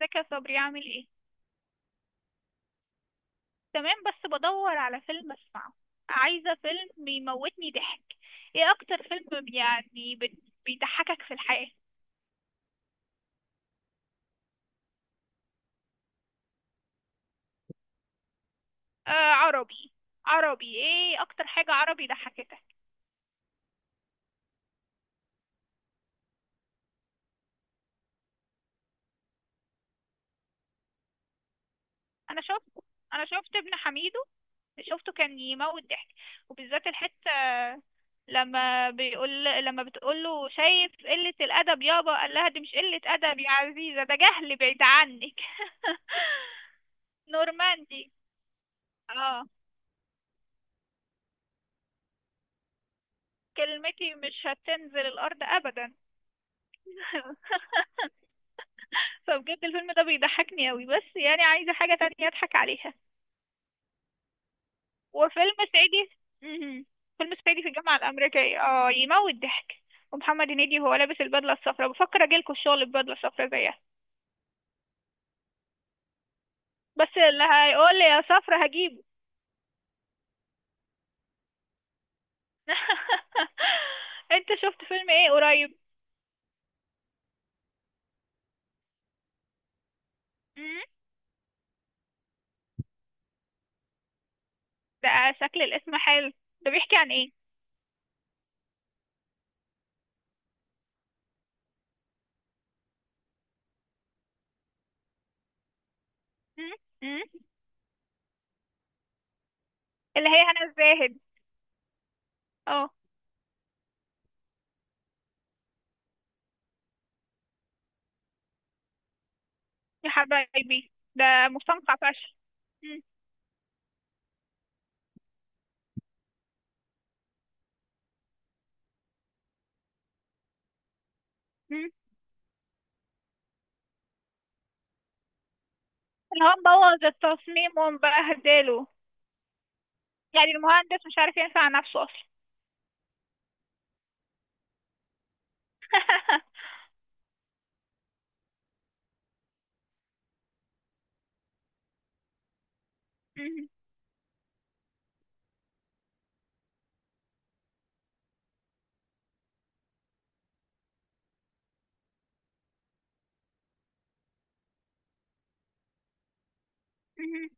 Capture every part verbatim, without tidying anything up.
ازيك يا صبري؟ عامل ايه؟ تمام، بس بدور على فيلم اسمعه. عايزه فيلم يموتني ضحك. ايه اكتر فيلم يعني بت- بيضحكك في الحياه؟ آه، عربي. عربي، ايه اكتر حاجه عربي ضحكتك؟ انا شفت انا شفت ابن حميدو. شفته كان يموت ضحك. وبالذات الحته لما بيقول لما بتقول له: شايف قله الادب يابا؟ قال لها: دي مش قله ادب يا عزيزه، ده جهل بعيد عنك. نورماندي. اه. كلمتي مش هتنزل الأرض أبدا. فبجد الفيلم ده بيضحكني أوي، بس يعني عايزة حاجة تانية أضحك عليها. وفيلم صعيدي مهم. فيلم صعيدي في الجامعة الأمريكية، اه، يموت ضحك. ومحمد هنيدي وهو لابس البدلة الصفراء، بفكر أجيلكوا الشغل ببدلة صفراء زيها. بس اللي هيقول لي يا صفرا هجيبه. انت شفت فيلم ايه قريب؟ مم؟ ده؟ شكل الاسم حلو. ده بيحكي عن ايه؟ مم؟ مم؟ اللي هي هنا الزاهد. اه. يا حبايبي ده. مستنقع فشل. مم. مم. اللي هو مبوظ التصميم ومبهدله. يعني المهندس مش عارف ينفع نفسه اصلا. مم. مم.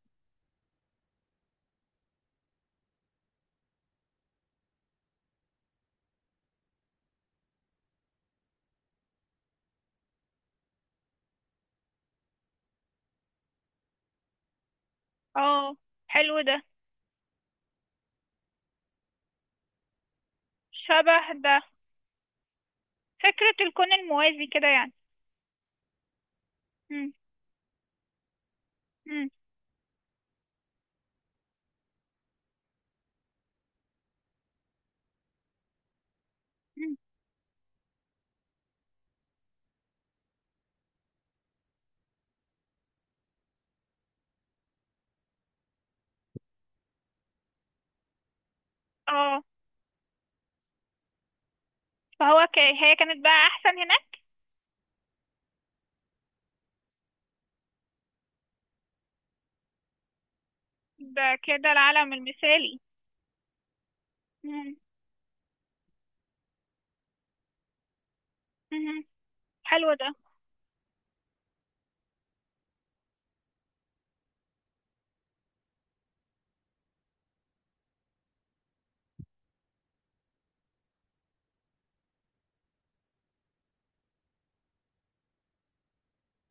اه، حلو ده. شبه ده. فكرة الكون الموازي كده يعني. مم. مم. مم. اه، فهو ك... هي كانت بقى احسن هناك. ده كده العالم المثالي. مم. مم. حلو ده.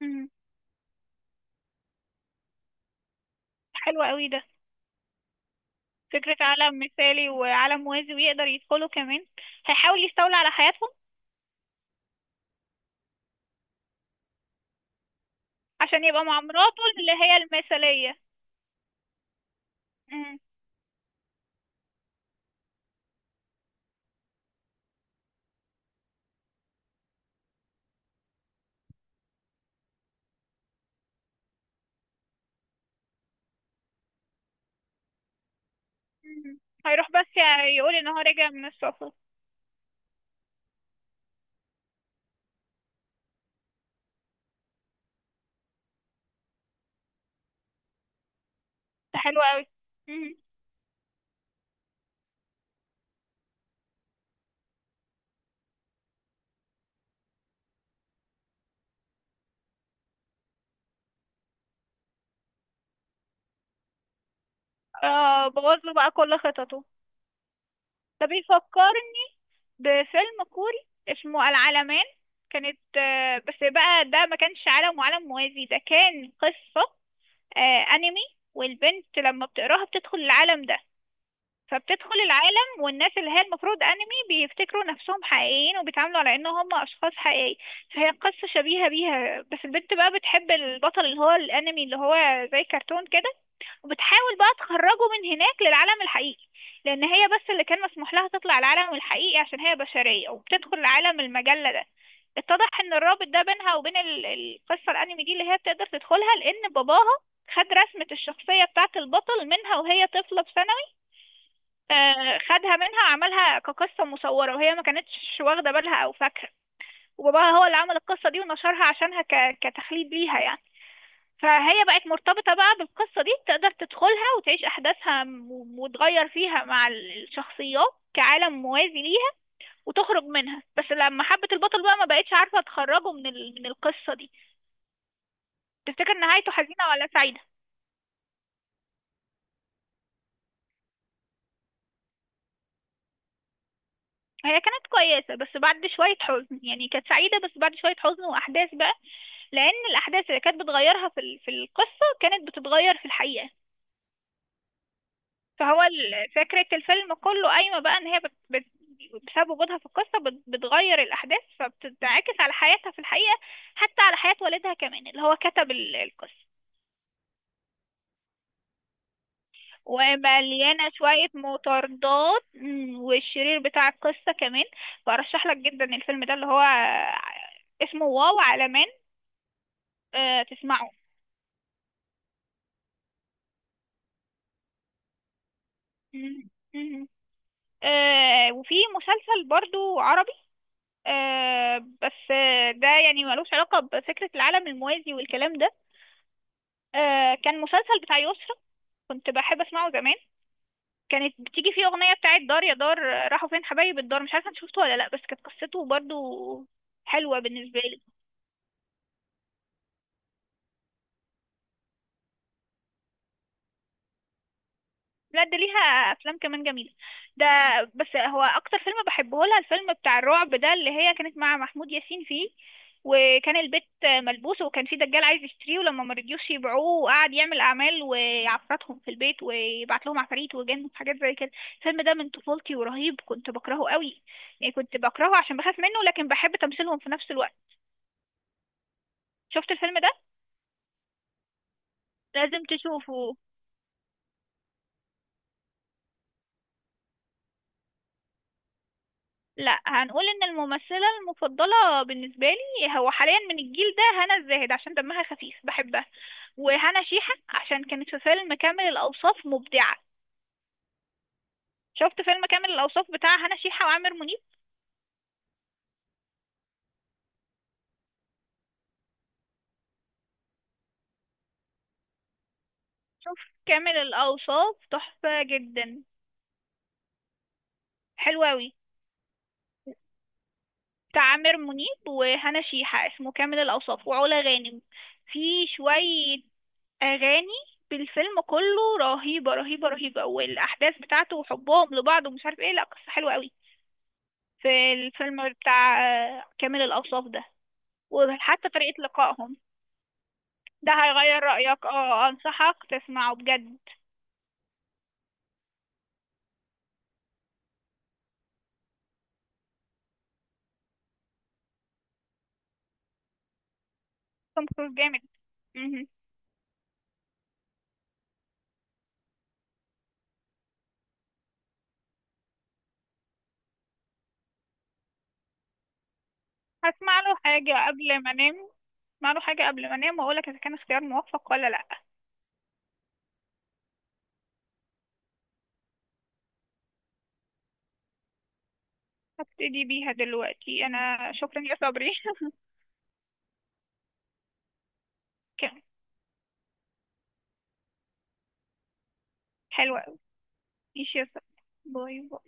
مم. حلو قوي ده. فكرة عالم مثالي وعالم موازي، ويقدر يدخله كمان. هيحاول يستولى على حياتهم. عشان يبقى مع مراته اللي هي المثالية. مم. مم. هيروح بس يقول ان هو راجع من السفر. ده حلو قوي. مم. آه، بوظ له بقى كل خططه. ده بيفكرني بفيلم كوري اسمه العالمين. كانت آه بس بقى ده ما كانش عالم وعالم موازي، ده كان قصة آه انمي. والبنت لما بتقراها بتدخل العالم ده. فبتدخل العالم، والناس اللي هي المفروض انمي بيفتكروا نفسهم حقيقيين وبيتعاملوا على ان هم اشخاص حقيقيين. فهي قصة شبيهة بيها، بس البنت بقى بتحب البطل اللي هو الانمي، اللي هو زي كرتون كده. وبتحاول بقى تخرجه من هناك للعالم الحقيقي. لان هي بس اللي كان مسموح لها تطلع العالم الحقيقي عشان هي بشرية، وبتدخل عالم المجلة ده. اتضح ان الرابط ده بينها وبين ال- القصة الانمي دي اللي هي بتقدر تدخلها لان باباها خد رسمة الشخصية بتاعة البطل منها وهي طفلة بسنة. آه، خدها منها وعملها كقصة مصورة، وهي ما كانتش واخدة بالها أو فاكرة. وباباها هو اللي عمل القصة دي ونشرها عشانها ك... كتخليد ليها يعني. فهي بقت مرتبطة بقى بالقصة دي، تقدر تدخلها وتعيش أحداثها م- وتغير فيها مع ال- الشخصيات كعالم موازي ليها. وتخرج منها، بس لما حبت البطل بقى ما بقتش عارفة تخرجه من ال... من القصة دي. تفتكر نهايته حزينة ولا سعيدة؟ هي كانت كويسة بس بعد شوية حزن، يعني كانت سعيدة بس بعد شوية حزن وأحداث بقى. لان الاحداث اللي كانت بتغيرها في ال- في القصه كانت بتتغير في الحقيقه. فهو ال- فكره الفيلم كله قايمه بقى ان هي بت... بت... بسبب وجودها في القصه بت... بتغير الاحداث فبتنعكس على حياتها في الحقيقه. حتى على حياه والدها كمان اللي هو كتب ال- القصه. ومليانه شويه مطاردات، مم، والشرير بتاع القصه كمان. فارشح لك جدا الفيلم ده اللي هو اسمه واو على من. آه، تسمعه. مم، مم. آه، وفي مسلسل برضو عربي. آه بس آه، ده يعني ملوش علاقة بفكرة العالم الموازي والكلام ده. آه كان مسلسل بتاع يسرا. كنت بحب اسمعه زمان. كانت بتيجي فيه أغنية بتاعت دار يا دار، آه، راحوا فين حبايب الدار؟ مش عارفة انت شفته ولا لأ، بس كانت قصته برضو حلوة بالنسبة لي. لا، ده ليها افلام كمان جميله. ده. بس هو اكتر فيلم بحبه لها الفيلم بتاع الرعب ده اللي هي كانت مع محمود ياسين فيه. وكان البيت ملبوس، وكان في دجال عايز يشتريه، ولما مرضيوش يبيعوه وقعد يعمل اعمال ويعفرتهم في البيت ويبعت لهم عفاريت وجن وحاجات زي كده. الفيلم ده من طفولتي ورهيب، كنت بكرهه قوي. يعني كنت بكرهه عشان بخاف منه، لكن بحب تمثيلهم في نفس الوقت. شفت الفيلم ده؟ لازم تشوفه. لا، هنقول ان الممثله المفضله بالنسبه لي هو حاليا من الجيل ده هنا الزاهد عشان دمها خفيف بحبها. وهنا شيحه عشان كانت في فيلم كامل الاوصاف مبدعه. شفت فيلم كامل الاوصاف بتاع هنا شيحه وعامر منيب؟ شوف. كامل الاوصاف تحفه جدا. حلو قوي. بتاع عامر منيب وهنا شيحه، اسمه كامل الاوصاف، وعلا غانم. في شويه اغاني بالفيلم كله رهيبه رهيبه رهيبه، والاحداث بتاعته وحبهم لبعض ومش عارف ايه، لا قصه حلوه قوي. في الفيلم بتاع آه، كامل الأوصاف ده. وحتى طريقة لقائهم. ده هيغير رأيك، اه أنصحك تسمعه بجد. توم كروز جامد. مهم. هسمع له حاجة قبل ما أنام هسمع له حاجة قبل ما أنام وأقولك إذا كان اختيار موفق ولا لأ. هبتدي بيها دلوقتي أنا، شكرا يا صبري. كان حلوة أوي. ماشي يا صبري. باي باي.